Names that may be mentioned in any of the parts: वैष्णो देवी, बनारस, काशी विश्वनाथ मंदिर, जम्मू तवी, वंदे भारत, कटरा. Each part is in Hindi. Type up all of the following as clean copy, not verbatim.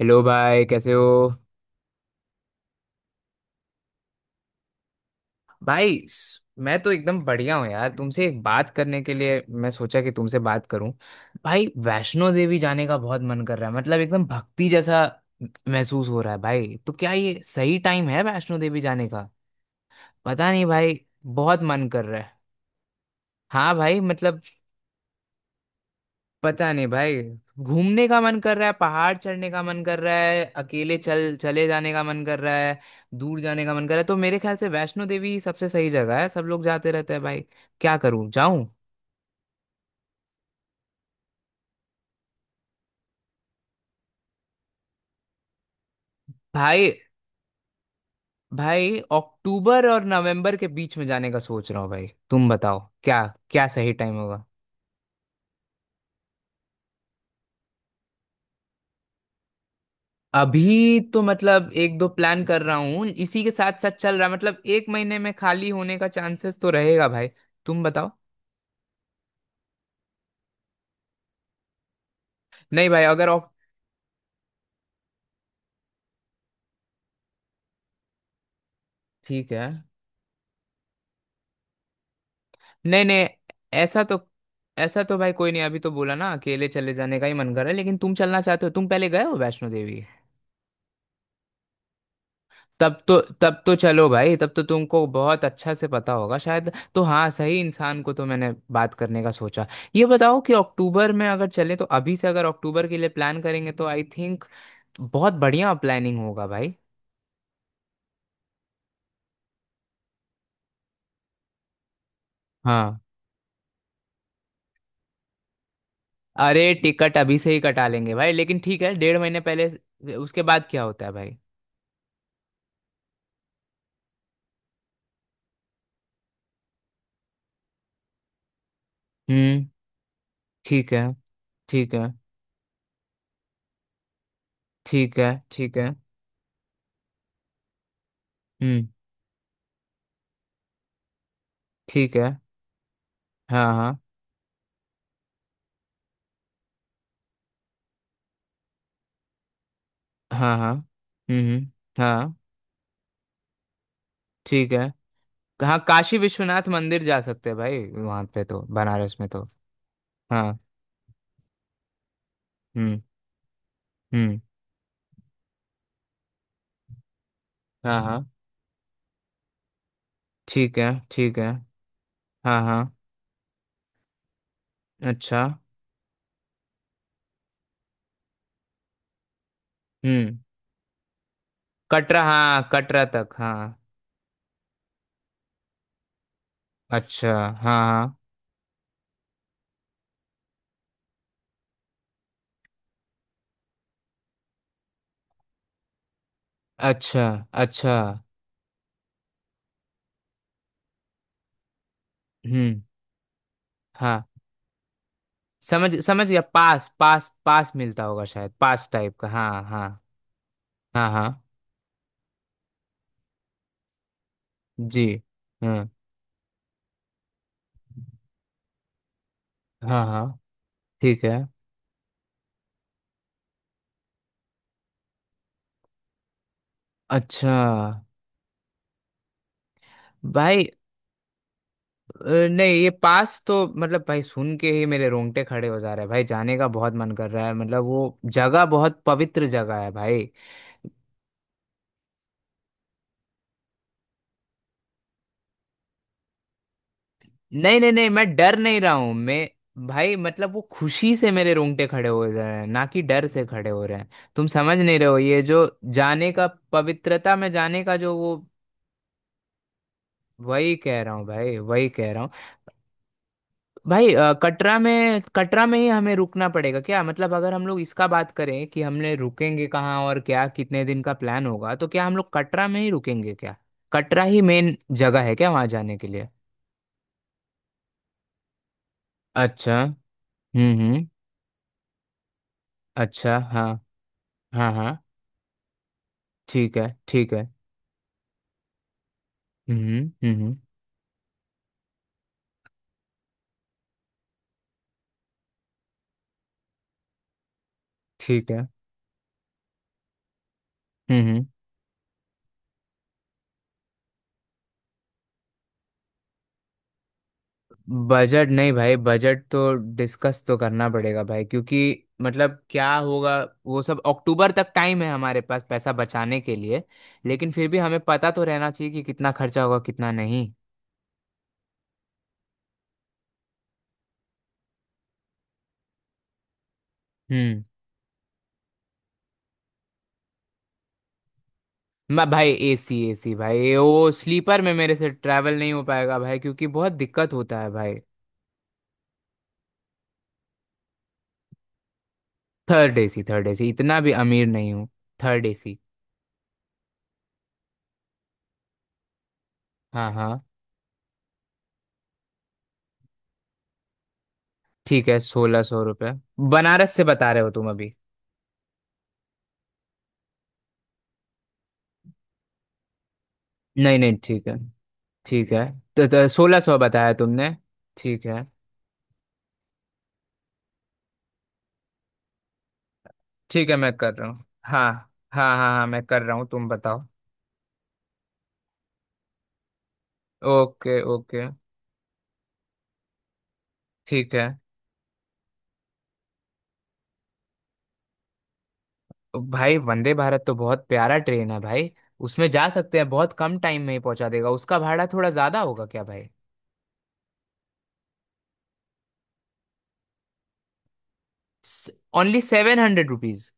हेलो भाई, कैसे हो। भाई मैं तो एकदम बढ़िया हूँ यार। तुमसे एक बात करने के लिए मैं सोचा कि तुमसे बात करूं। भाई, वैष्णो देवी जाने का बहुत मन कर रहा है, मतलब एकदम भक्ति जैसा महसूस हो रहा है भाई। तो क्या ये सही टाइम है वैष्णो देवी जाने का? पता नहीं भाई। बहुत मन कर रहा है। हाँ भाई, मतलब पता नहीं भाई। घूमने का मन कर रहा है, पहाड़ चढ़ने का मन कर रहा है, अकेले चल चले जाने का मन कर रहा है, दूर जाने का मन कर रहा है। तो मेरे ख्याल से वैष्णो देवी ही सबसे सही जगह है, सब लोग जाते रहते हैं भाई। क्या करूं, जाऊं? भाई, भाई, अक्टूबर और नवंबर के बीच में जाने का सोच रहा हूँ भाई। तुम बताओ क्या, क्या सही टाइम होगा? अभी तो मतलब एक दो प्लान कर रहा हूँ, इसी के साथ साथ चल रहा है। मतलब एक महीने में खाली होने का चांसेस तो रहेगा भाई। तुम बताओ। नहीं भाई, अगर ऑक- ठीक है। नहीं नहीं, ऐसा तो, ऐसा तो भाई कोई नहीं। अभी तो बोला ना अकेले चले जाने का ही मन कर रहा है, लेकिन तुम चलना चाहते हो। तुम पहले गए हो वैष्णो देवी? तब तो, तब तो चलो भाई। तब तो तुमको बहुत अच्छा से पता होगा शायद। तो हाँ, सही इंसान को तो मैंने बात करने का सोचा। ये बताओ कि अक्टूबर में अगर चले, तो अभी से अगर अक्टूबर के लिए प्लान करेंगे तो आई थिंक बहुत बढ़िया प्लानिंग होगा भाई। हाँ। अरे टिकट अभी से ही कटा लेंगे भाई, लेकिन ठीक है, डेढ़ महीने पहले उसके बाद क्या होता है भाई? हम्म। ठीक है। ठीक है। ठीक है, ठीक है। हम्म। ठीक है। हाँ हाँ। हाँ हाँ। हम्म, हम्म। हाँ। ठीक है। हाँ, काशी विश्वनाथ मंदिर जा सकते हैं भाई। वहां पे तो, बनारस में तो। हाँ। हम्म। हम्म। हाँ हाँ। ठीक है, ठीक है। हाँ हाँ। अच्छा। हम्म। कटरा, हाँ, कटरा तक, हाँ। अच्छा, हाँ हाँ। अच्छा। अच्छा। हम्म। हाँ। समझ, समझ गया। पास, पास, पास मिलता होगा शायद, पास टाइप का, हाँ हाँ। हाँ हाँ। जी। हाँ हाँ। हाँ। ठीक है। अच्छा। भाई, नहीं, ये पास तो मतलब भाई सुन के ही मेरे रोंगटे खड़े हो जा रहे हैं भाई। जाने का बहुत मन कर रहा है, मतलब वो जगह बहुत पवित्र जगह है भाई। नहीं नहीं नहीं, मैं डर नहीं रहा हूँ मैं भाई। मतलब वो खुशी से मेरे रोंगटे खड़े हो जा रहे हैं ना, कि डर से खड़े हो रहे हैं। तुम समझ नहीं रहे हो ये जो जाने का, पवित्रता में जाने का जो वो। वही कह रहा हूँ भाई, वही कह रहा हूँ। भाई, कटरा में, कटरा में ही हमें रुकना पड़ेगा क्या? मतलब अगर हम लोग इसका बात करें कि हमने रुकेंगे कहाँ और क्या कितने दिन का प्लान होगा, तो क्या हम लोग कटरा में ही रुकेंगे क्या? कटरा ही मेन जगह है क्या वहाँ जाने के लिए? अच्छा। हम्म, हम्म। अच्छा, हाँ हाँ। हाँ। ठीक है, ठीक है। हम्म। हम्म, हम्म। ठीक है। हम्म। बजट नहीं भाई, बजट तो डिस्कस तो करना पड़ेगा भाई, क्योंकि मतलब क्या होगा? वो सब अक्टूबर तक टाइम है हमारे पास पैसा बचाने के लिए। लेकिन फिर भी हमें पता तो रहना चाहिए कि कितना खर्चा होगा कितना नहीं। हम्म। मैं भाई एसी, एसी भाई, ये वो, स्लीपर में मेरे से ट्रैवल नहीं हो पाएगा भाई, क्योंकि बहुत दिक्कत होता है भाई। थर्ड एसी, थर्ड एसी, इतना भी अमीर नहीं हूँ। Third AC. हाँ हाँ। ठीक है, 1600 रुपये। बनारस से बता रहे हो तुम अभी? नहीं नहीं, ठीक है, ठीक है। तो 1600 बताया तुमने। ठीक है। ठीक है, मैं कर रहा हूँ, हाँ। हाँ हाँ हाँ, मैं कर रहा हूँ, तुम बताओ। Okay, okay. ठीक है। भाई, वंदे भारत तो बहुत प्यारा ट्रेन है भाई। उसमें जा सकते हैं, बहुत कम टाइम में ही पहुंचा देगा। उसका भाड़ा थोड़ा ज्यादा होगा क्या भाई? only 700 rupees?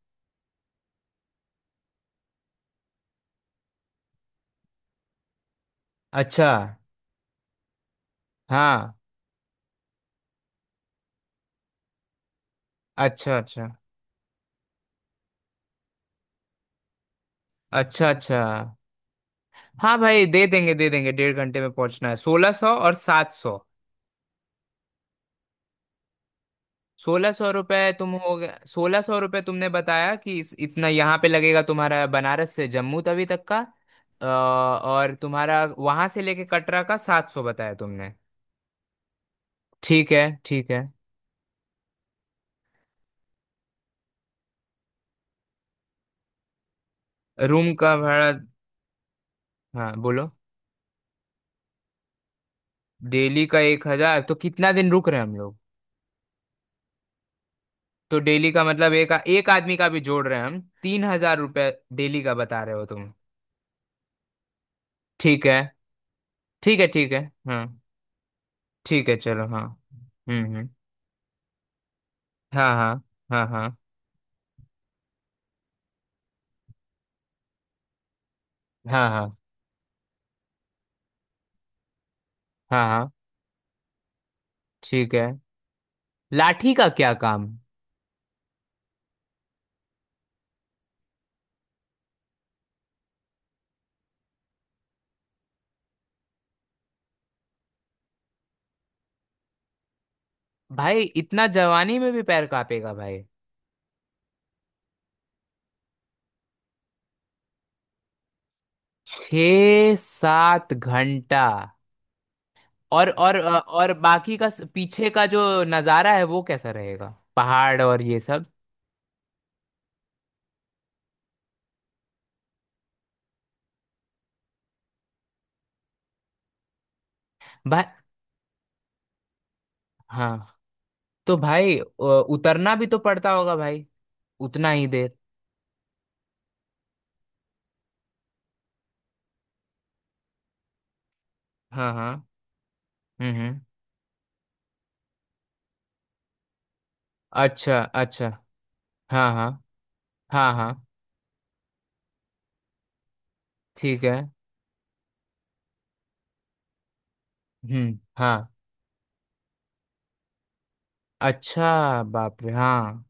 अच्छा। हाँ। अच्छा, अच्छा। अच्छा, अच्छा। हाँ भाई, दे देंगे, दे देंगे। डेढ़ घंटे में पहुंचना है। 1600 और 700। 1600 रुपये, तुम, हो गया। 1600 रुपये तुमने बताया कि इतना यहाँ पे लगेगा तुम्हारा बनारस से जम्मू तवी तक का। और तुम्हारा वहां से लेके कटरा का 700 बताया तुमने। ठीक है, ठीक है। रूम का भाड़ा? हाँ बोलो। डेली का 1000 तो कितना दिन रुक रहे हैं हम लोग? तो डेली का मतलब एक एक आदमी का भी जोड़ रहे हैं हम, 3000 रुपये? डेली का बता रहे हो तुम? ठीक है। ठीक है, ठीक है। हाँ। ठीक है, चलो, हाँ। हम्म, हम्म। हाँ हाँ। हाँ हाँ। हाँ हाँ। हाँ हाँ। ठीक है। लाठी का क्या काम? भाई, इतना जवानी में भी पैर कांपेगा भाई? 6-7 घंटा? और बाकी का पीछे का जो नज़ारा है, वो कैसा रहेगा? पहाड़ और ये सब। भाई। हाँ। तो भाई, उतरना भी तो पड़ता होगा भाई? उतना ही देर? हाँ हाँ। हम्म, हम्म। अच्छा, अच्छा। हाँ हाँ। हाँ हाँ। ठीक है। हम्म। हाँ। अच्छा, बाप रे, हाँ।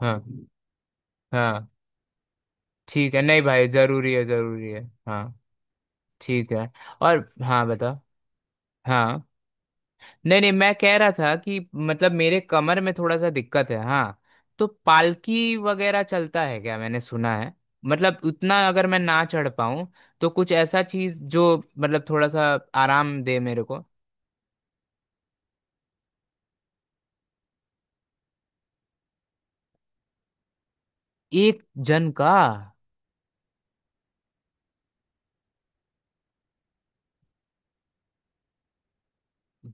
हाँ हाँ। ठीक है। नहीं भाई, जरूरी है, जरूरी है। हाँ। ठीक है। और हाँ, बता। हाँ। नहीं नहीं, मैं कह रहा था कि मतलब मेरे कमर में थोड़ा सा दिक्कत है, हाँ। तो पालकी वगैरह चलता है क्या, मैंने सुना है? मतलब उतना अगर मैं ना चढ़ पाऊँ, तो कुछ ऐसा चीज जो मतलब थोड़ा सा आराम दे मेरे को। एक जन का?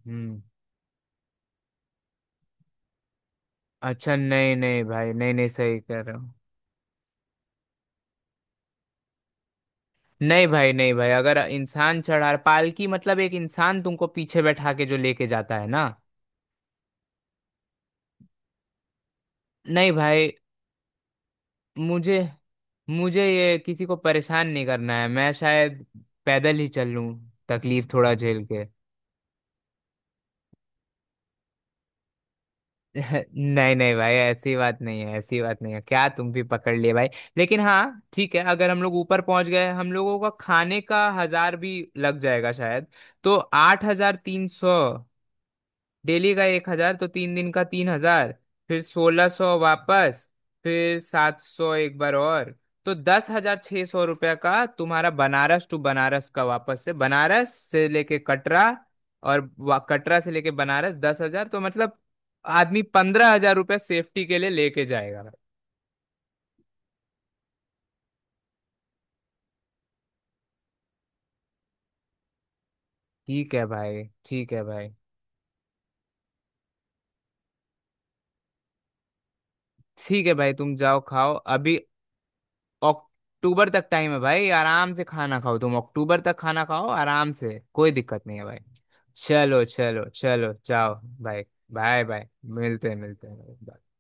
हम्म। अच्छा। नहीं नहीं भाई, नहीं नहीं, सही कह रहे हो। नहीं भाई, नहीं भाई, अगर इंसान चढ़ा पालकी, मतलब एक इंसान तुमको पीछे बैठा के जो लेके जाता है ना। नहीं भाई। मुझे मुझे ये किसी को परेशान नहीं करना है। मैं शायद पैदल ही चल लूं, तकलीफ थोड़ा झेल के। नहीं नहीं भाई, ऐसी बात नहीं है, ऐसी बात नहीं है, क्या तुम भी पकड़ लिए भाई। लेकिन हाँ ठीक है, अगर हम लोग ऊपर पहुंच गए हम लोगों का खाने का हजार भी लग जाएगा शायद। तो 8300। डेली का एक हजार तो 3 दिन का 3000। फिर 1600 वापस। फिर 700 एक बार और। तो 10,600 रुपये का तुम्हारा बनारस टू बनारस का, वापस से बनारस से लेके कटरा और कटरा से लेके बनारस। 10,000, तो मतलब आदमी 15,000 रुपये सेफ्टी के लिए लेके जाएगा भाई। ठीक है भाई, ठीक है भाई। ठीक है भाई, तुम जाओ खाओ अभी। अक्टूबर तक टाइम है भाई, आराम से खाना खाओ तुम। अक्टूबर तक खाना खाओ आराम से, कोई दिक्कत नहीं है भाई। चलो, चलो, चलो, जाओ भाई। Bye bye. मिलते हैं, मिलते हैं।